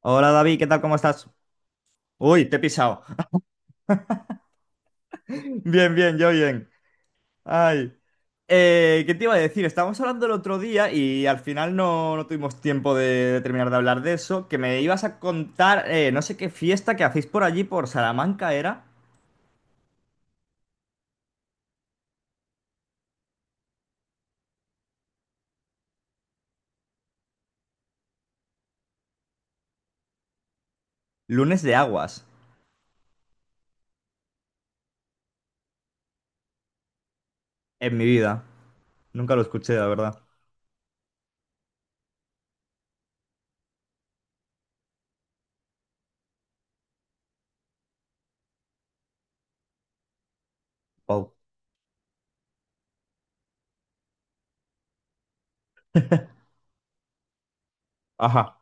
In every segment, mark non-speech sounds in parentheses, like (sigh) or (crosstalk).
Hola David, ¿qué tal? ¿Cómo estás? Uy, te he pisado. Bien, bien, yo bien. Ay. ¿Qué te iba a decir? Estábamos hablando el otro día y al final no, no tuvimos tiempo de terminar de hablar de eso, que me ibas a contar no sé qué fiesta que hacéis por allí, por Salamanca, era Lunes de Aguas, en mi vida. Nunca lo escuché, la verdad. Wow. Ajá.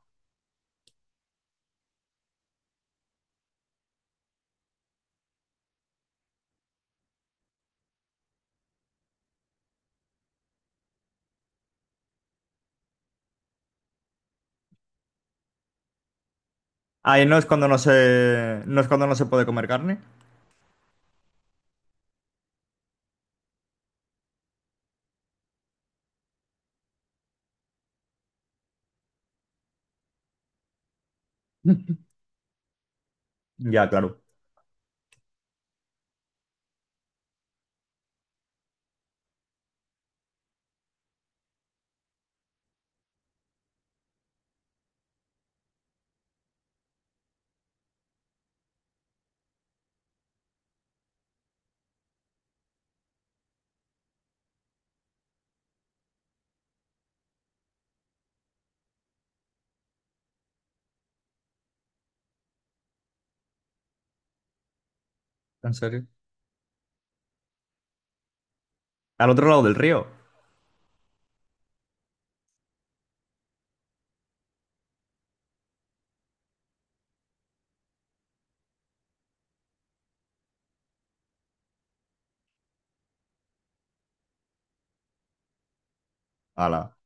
Ay, no es cuando no se puede comer carne? Ya, claro. ¿En serio? Al otro lado del río. Ala.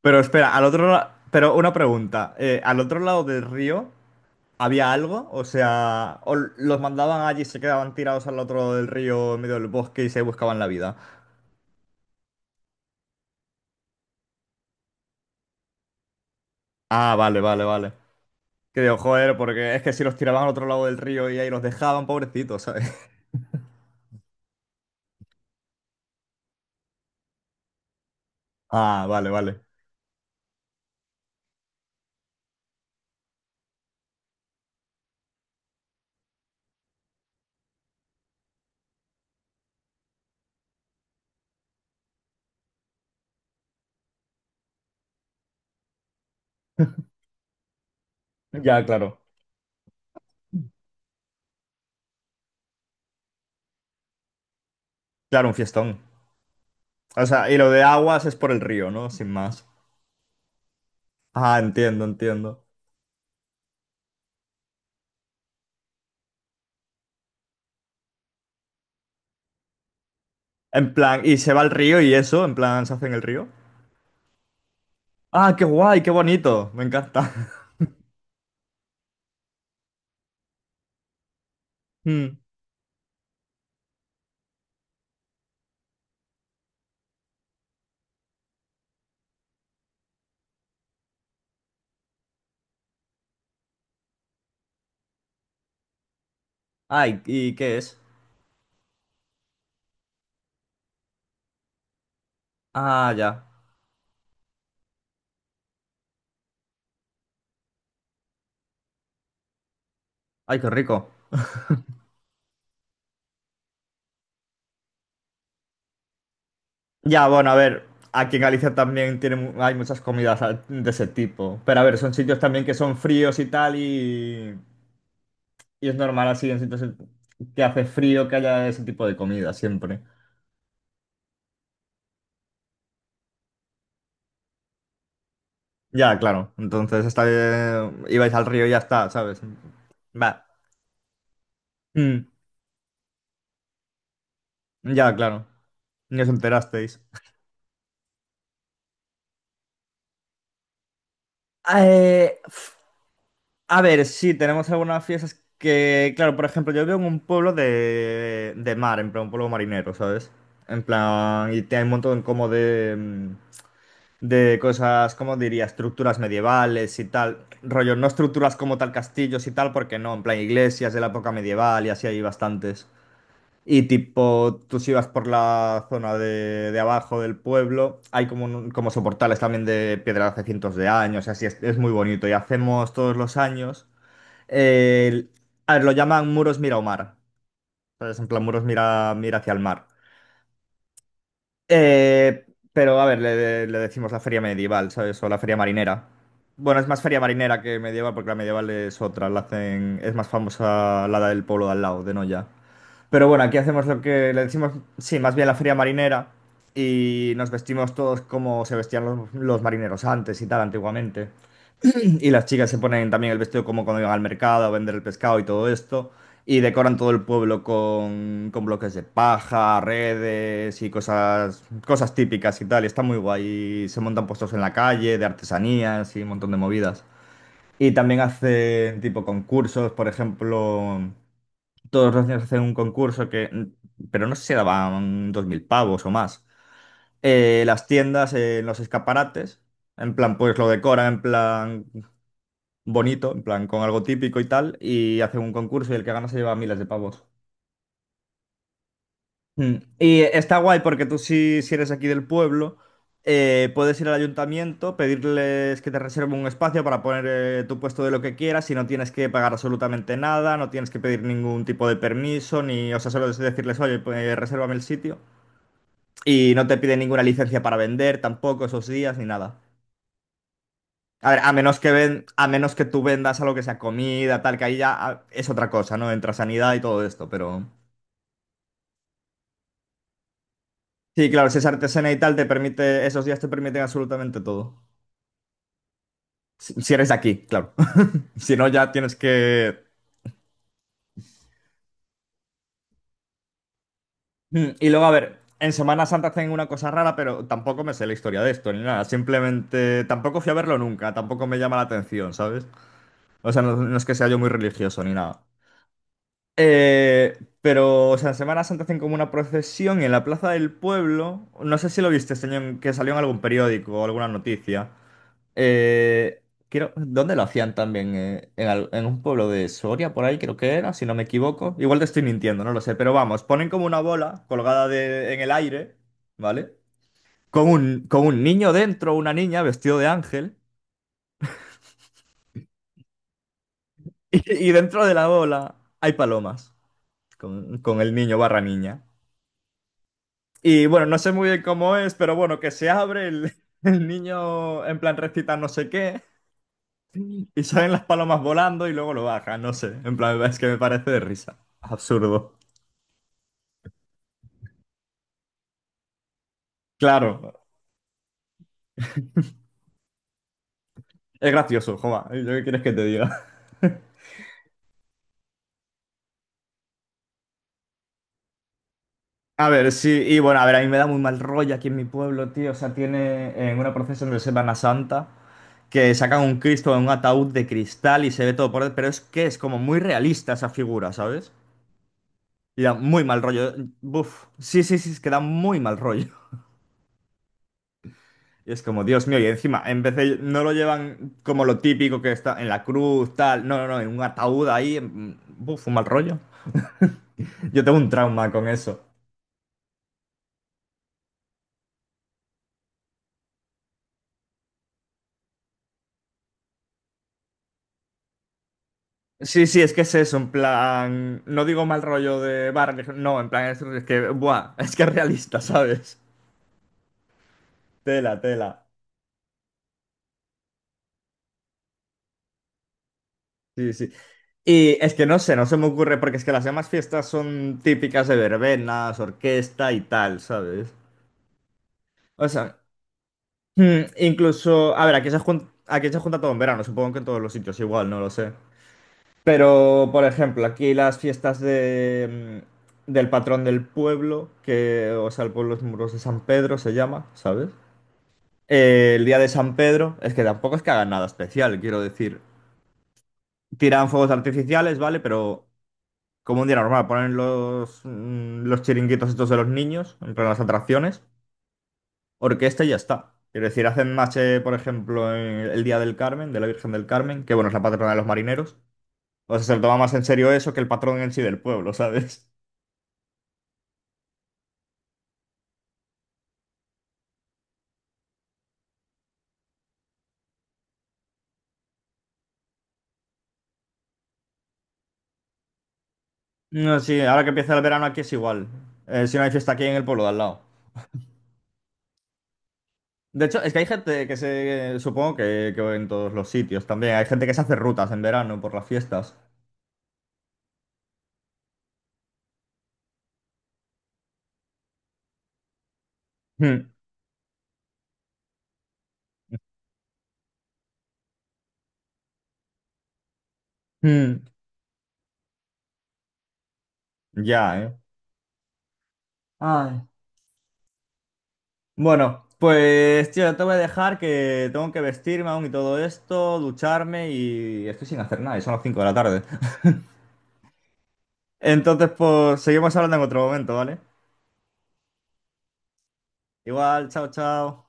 Pero espera, al otro lado, pero una pregunta. ¿Al otro lado del río había algo? O sea, ¿o los mandaban allí y se quedaban tirados al otro lado del río en medio del bosque y se buscaban la vida? Ah, vale, vale, vale. Que digo, joder, porque es que si los tiraban al otro lado del río y ahí los dejaban, pobrecitos, ¿sabes? (laughs) Ah, vale, vale. Ya, claro. Claro, un fiestón. O sea, y lo de aguas es por el río, ¿no? Sin más. Ah, entiendo, entiendo. En plan, y se va al río y eso, en plan, se hace en el río. Ah, qué guay, qué bonito. Me encanta. (laughs) Ay, ¿y qué es? Ah, ya. Ay, qué rico. Ya, bueno, a ver, aquí en Galicia también tiene, hay muchas comidas de ese tipo. Pero a ver, son sitios también que son fríos y tal y es normal así en sitios que hace frío que haya ese tipo de comida siempre. Ya, claro. Entonces está, ibais al río y ya está, ¿sabes? Va. Mm, ya, claro. Ni os enterasteis. Eh, A ver, sí, tenemos algunas fiestas que, claro, por ejemplo, yo vivo en un pueblo de mar, en plan, un pueblo marinero, ¿sabes? En plan, y hay un montón como de cosas, ¿cómo diría? Estructuras medievales y tal. Rollo, no estructuras como tal castillos y tal, porque no, en plan, iglesias de la época medieval y así hay bastantes. Y tipo, tú si vas por la zona de abajo del pueblo, hay como, como soportales también de piedra de hace cientos de años, y así es muy bonito. Y hacemos todos los años. El- a ver, lo llaman muros mira o mar. ¿Sabes? En plan, muros mira, mira hacia el mar. Eh, pero, a ver, le decimos la feria medieval, ¿sabes? O la feria marinera. Bueno, es más feria marinera que medieval, porque la medieval es otra. La hacen, es más famosa la del pueblo de al lado, de Noya. Pero bueno, aquí hacemos lo que le decimos, sí, más bien la feria marinera. Y nos vestimos todos como se vestían los marineros antes y tal, antiguamente. Y las chicas se ponen también el vestido como cuando iban al mercado a vender el pescado y todo esto. Y decoran todo el pueblo con bloques de paja, redes y cosas, cosas típicas y tal. Y está muy guay. Y se montan puestos en la calle de artesanías y un montón de movidas. Y también hacen tipo concursos, por ejemplo, todos los años hacen un concurso que, pero no sé si daban 2.000 pavos o más. Las tiendas, en los escaparates. En plan, pues lo decoran, en plan, bonito, en plan con algo típico y tal, y hacen un concurso y el que gana se lleva miles de pavos. Mm. Y está guay porque tú si eres aquí del pueblo, puedes ir al ayuntamiento, pedirles que te reserven un espacio para poner tu puesto de lo que quieras y no tienes que pagar absolutamente nada, no tienes que pedir ningún tipo de permiso, ni, o sea, solo es decirles, oye, pues resérvame el sitio. Y no te piden ninguna licencia para vender tampoco esos días ni nada. A ver, a menos que tú vendas algo que sea comida, tal, que ahí ya es otra cosa, ¿no? Entra sanidad y todo esto, pero. Sí, claro, si es artesana y tal, te permite, esos días te permiten absolutamente todo. Si eres de aquí, claro. (laughs) Si no, ya tienes que. Y luego, a ver, en Semana Santa hacen una cosa rara, pero tampoco me sé la historia de esto, ni nada. Simplemente, tampoco fui a verlo nunca, tampoco me llama la atención, ¿sabes? O sea, no, no es que sea yo muy religioso ni nada. Eh, pero, o sea, en Semana Santa hacen como una procesión en la plaza del pueblo. No sé si lo viste, señor, que salió en algún periódico o alguna noticia. Eh, Quiero, ¿dónde lo hacían también? En, en un pueblo de Soria, por ahí creo que era, si no me equivoco. Igual te estoy mintiendo, no lo sé. Pero vamos, ponen como una bola colgada en el aire, ¿vale? Con un niño dentro, una niña vestido de ángel. (laughs) Y, y dentro de la bola hay palomas con el niño barra niña. Y bueno, no sé muy bien cómo es, pero bueno, que se abre el, (laughs) el niño en plan recita no sé qué y salen las palomas volando y luego lo baja, no sé. En plan, es que me parece de risa. Absurdo. Claro, es gracioso, joa. ¿Yo qué quieres que te diga? (laughs) A ver, sí, y bueno, a ver, a mí me da muy mal rollo aquí en mi pueblo, tío. O sea, tiene en una procesión de Semana Santa que sacan un Cristo en un ataúd de cristal y se ve todo por dentro, pero es que es como muy realista esa figura, ¿sabes? Y da muy mal rollo. Buf, sí, sí, sí, es que da muy mal rollo. Y es como, Dios mío, y encima, en vez de, no lo llevan como lo típico que está en la cruz, tal, no, no, no, en un ataúd ahí, buf, un mal rollo. Yo tengo un trauma con eso. Sí, sí, es que es eso, en plan, no digo mal rollo de bar, no, en plan, es que, buah, (laughs) es que es realista, ¿sabes? Tela, tela. Sí, sí. Y es que no sé, no se me ocurre, porque es que las demás fiestas son típicas de verbenas, orquesta y tal, ¿sabes? O sea, incluso, a ver, aquí se junta todo en verano, supongo que en todos los sitios igual, no lo sé. Pero, por ejemplo, aquí las fiestas del patrón del pueblo, que, o sea, el pueblo es Muros de San Pedro, se llama, ¿sabes? El día de San Pedro, es que tampoco es que hagan nada especial, quiero decir. Tiran fuegos artificiales, ¿vale? Pero como un día normal, ponen los chiringuitos estos de los niños, en plan las atracciones. Orquesta y ya está. Quiero decir, hacen mache, por ejemplo, en el Día del Carmen, de la Virgen del Carmen, que bueno, es la patrona de los marineros. O sea, se lo toma más en serio eso que el patrón en sí del pueblo, (laughs) ¿sabes? No, sí, ahora que empieza el verano aquí es igual. Si no hay fiesta aquí en el pueblo de al lado. De hecho, es que hay gente que se... Supongo que en todos los sitios también. Hay gente que se hace rutas en verano por las fiestas. Mm, mm. Ya, ¿eh? Ay. Bueno, pues tío, te voy a dejar que tengo que vestirme aún y todo esto, ducharme y estoy sin hacer nada y son las 5 de la tarde. (laughs) Entonces, pues seguimos hablando en otro momento, ¿vale? Igual, chao, chao.